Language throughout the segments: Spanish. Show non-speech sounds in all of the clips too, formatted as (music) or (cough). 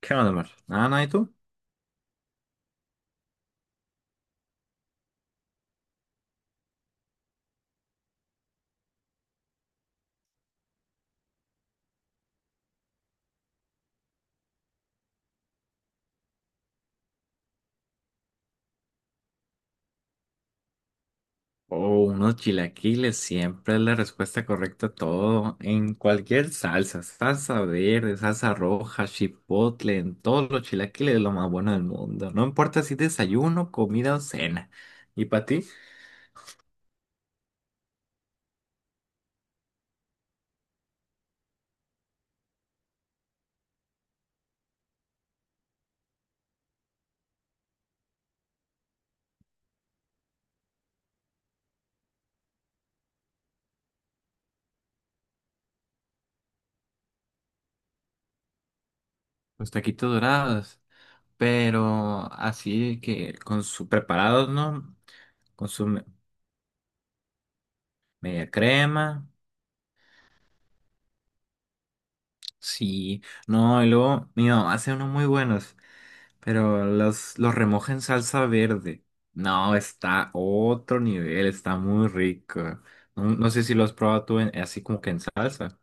¿Qué onda, amor? Nada, ¿y tú? Oh, unos chilaquiles, siempre es la respuesta correcta a todo, en cualquier salsa, salsa verde, salsa roja, chipotle, en todos los chilaquiles es lo más bueno del mundo. No importa si desayuno, comida o cena. ¿Y para ti? Los taquitos dorados, pero así que con su preparados, ¿no? con su me- media crema. Sí, no, y luego mi mamá hace unos muy buenos. Pero los remoja en salsa verde. No, está otro nivel, está muy rico. No, no sé si lo has probado tú así como que en salsa.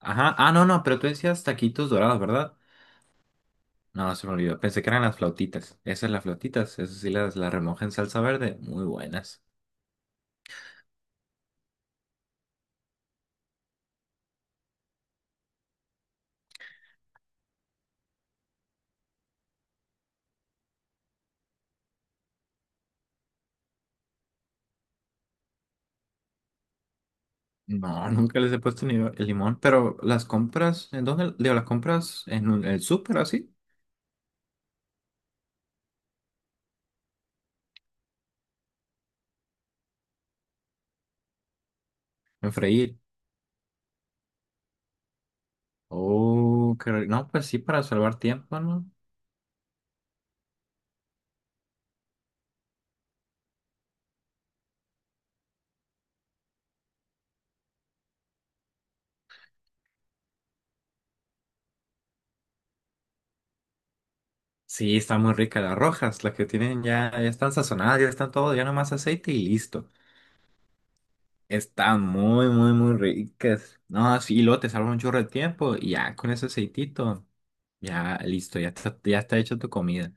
Ajá, ah, no, no, pero tú decías taquitos dorados, ¿verdad? No, se me olvidó. Pensé que eran las flautitas. Esas las flautitas, esas sí las remoja en salsa verde. Muy buenas. No, (laughs) nunca les he puesto ni el limón, pero las compras, ¿en dónde? Digo, las compras en el súper así, en freír. Oh, qué rico. No, pues sí, para salvar tiempo, ¿no? Sí, está muy rica. Las rojas, las que tienen ya, ya están sazonadas, ya están todo, ya nomás aceite y listo. Están muy, muy, muy ricas. No, sí, lo te salva un chorro de tiempo y ya con ese aceitito, ya listo, ya está hecha tu comida.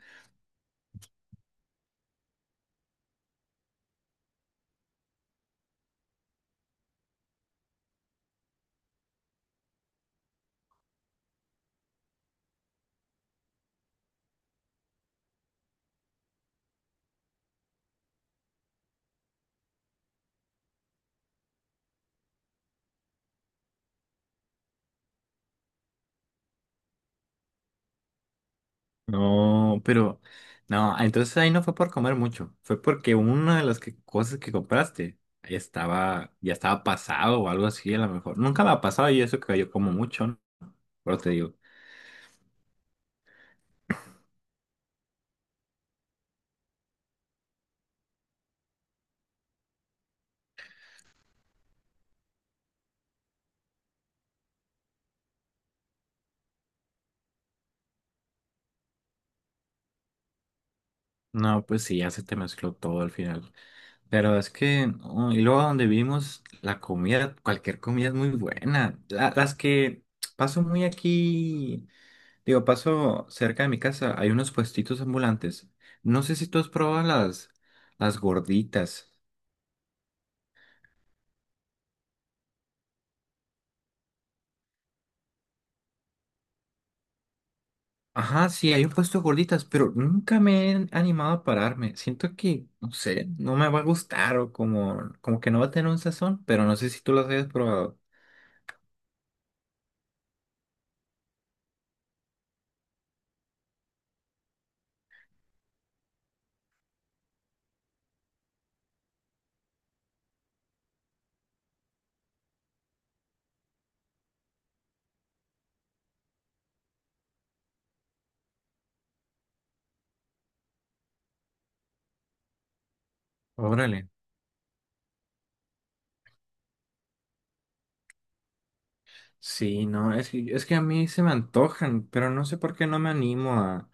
No, pero no, entonces ahí no fue por comer mucho, fue porque una cosas que compraste estaba, ya estaba pasado o algo así, a lo mejor. Nunca me ha pasado y eso que yo como mucho, ¿no? Pero te digo, no, pues sí, ya se te mezcló todo al final. Pero es que, oh, y luego donde vivimos, la comida, cualquier comida es muy buena. Las que paso muy aquí, digo, paso cerca de mi casa, hay unos puestitos ambulantes. No sé si tú has probado las gorditas. Ajá, sí, hay un puesto de gorditas, pero nunca me he animado a pararme. Siento que, no sé, no me va a gustar o como, como que no va a tener un sazón, pero no sé si tú las hayas probado. Órale. Sí, no, es que a mí se me antojan, pero no sé por qué no me animo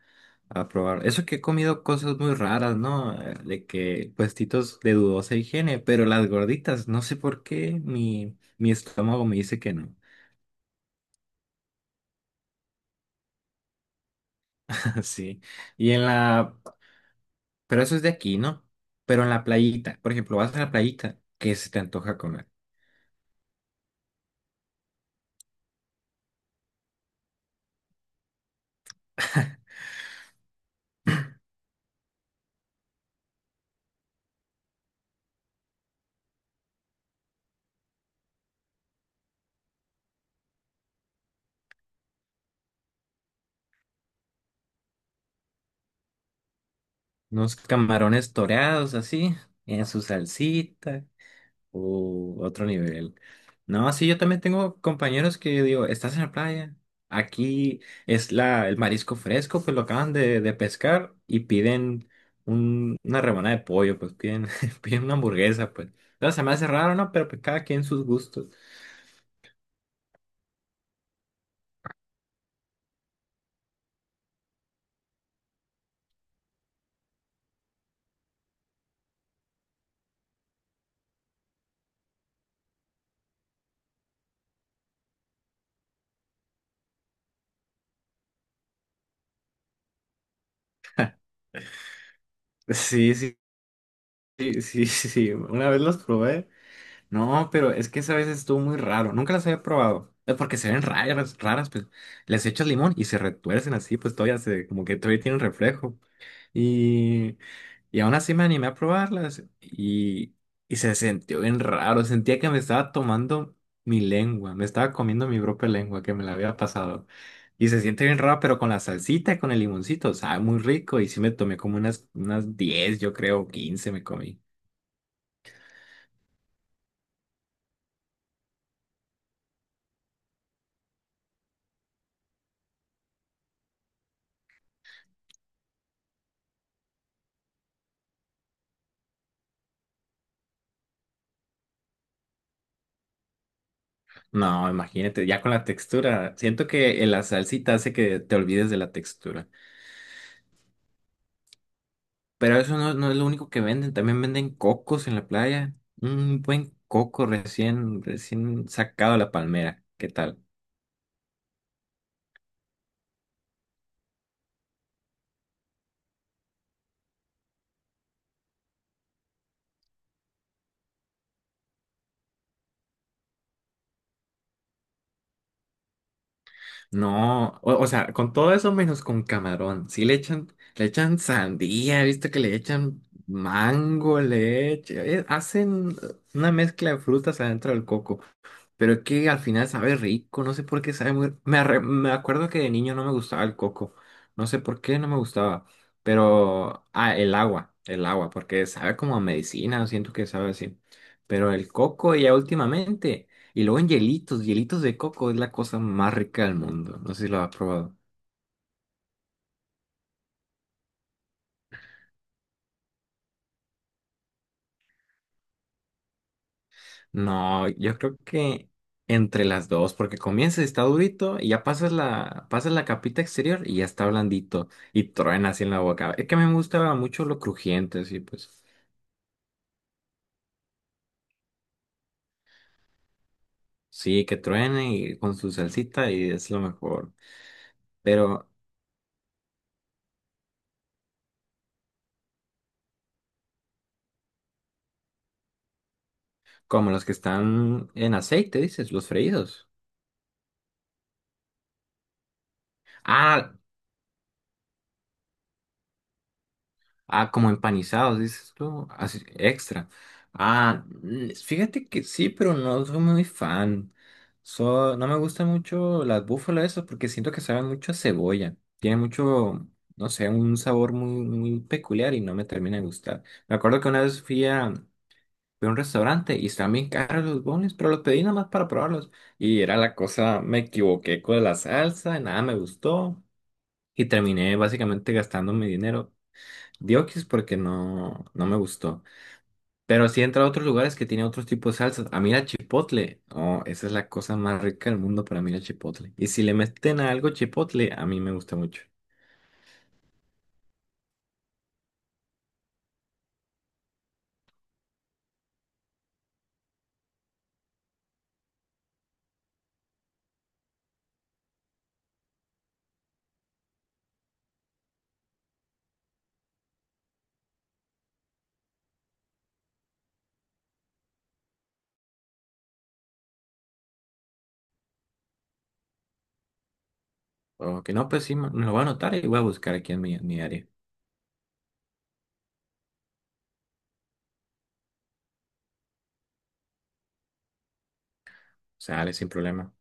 a probar. Eso que he comido cosas muy raras, ¿no? De que puestitos de dudosa higiene, pero las gorditas, no sé por qué mi estómago me dice que no. (laughs) Sí. Y en la, pero eso es de aquí, ¿no? Pero en la playita, por ejemplo, vas a la playita, ¿qué se te antoja comer? Unos camarones toreados así, en su salsita. Otro nivel. No, sí, yo también tengo compañeros que yo digo, estás en la playa, aquí es el marisco fresco, pues lo acaban de pescar y piden una rebanada de pollo, pues piden, (laughs) piden una hamburguesa, pues. Entonces se me hace raro, ¿no? Pero pues cada quien sus gustos. (laughs) Sí, sí, sí, sí, (laughs) sí, una vez los probé. No, pero es que esa vez estuvo muy raro, nunca las había probado. Es porque se ven raras, raras, pues les echas limón y se retuercen así, pues todavía se, como que todavía tienen reflejo. Y, y aún así me animé a probarlas y se sintió bien raro. Sentía que me estaba tomando mi lengua, me estaba comiendo mi propia lengua que me la había pasado. Y se siente bien raro, pero con la salsita y con el limoncito, sabe muy rico. Y sí me tomé como unas 10 yo creo, 15 me comí. No, imagínate, ya con la textura. Siento que la salsita hace que te olvides de la textura. Pero eso no, no es lo único que venden, también venden cocos en la playa. Un buen coco recién sacado de la palmera. ¿Qué tal? No, o sea, con todo eso menos con camarón. Sí le echan sandía, viste que le echan mango, le echan, hacen una mezcla de frutas adentro del coco. Pero es que al final sabe rico, no sé por qué sabe muy... Me acuerdo que de niño no me gustaba el coco, no sé por qué no me gustaba, pero... Ah, el agua, porque sabe como a medicina, siento que sabe así. Pero el coco ya últimamente, y luego en hielitos, hielitos de coco es la cosa más rica del mundo, no sé si lo has probado. No, yo creo que entre las dos, porque comienza está durito y ya pasas pasas la capita exterior y ya está blandito y truena así en la boca. Es que me gusta mucho lo crujiente, sí, pues sí, que truene y con su salsita y es lo mejor. Pero como los que están en aceite, dices, los freídos. Ah, Ah, como empanizados, dices tú, así, extra. Ah, mm, fíjate que sí, pero no soy muy fan. So, no me gustan mucho las búfalas esas porque siento que saben mucho a cebolla. Tiene mucho, no sé, un sabor muy, muy peculiar y no me termina de gustar. Me acuerdo que una vez fui a un restaurante y estaban bien caros los bones, pero los pedí nada más para probarlos. Y era la cosa, me equivoqué con la salsa, nada me gustó y terminé básicamente gastando mi dinero. Diokis porque no, no me gustó. Pero sí entra a otros lugares que tiene otros tipos de salsas. A mí la chipotle. Oh, esa es la cosa más rica del mundo para mí la chipotle. Y si le meten a algo chipotle, a mí me gusta mucho. O que no, pues sí, me lo voy a anotar y voy a buscar aquí en en mi área. Sale sin problema.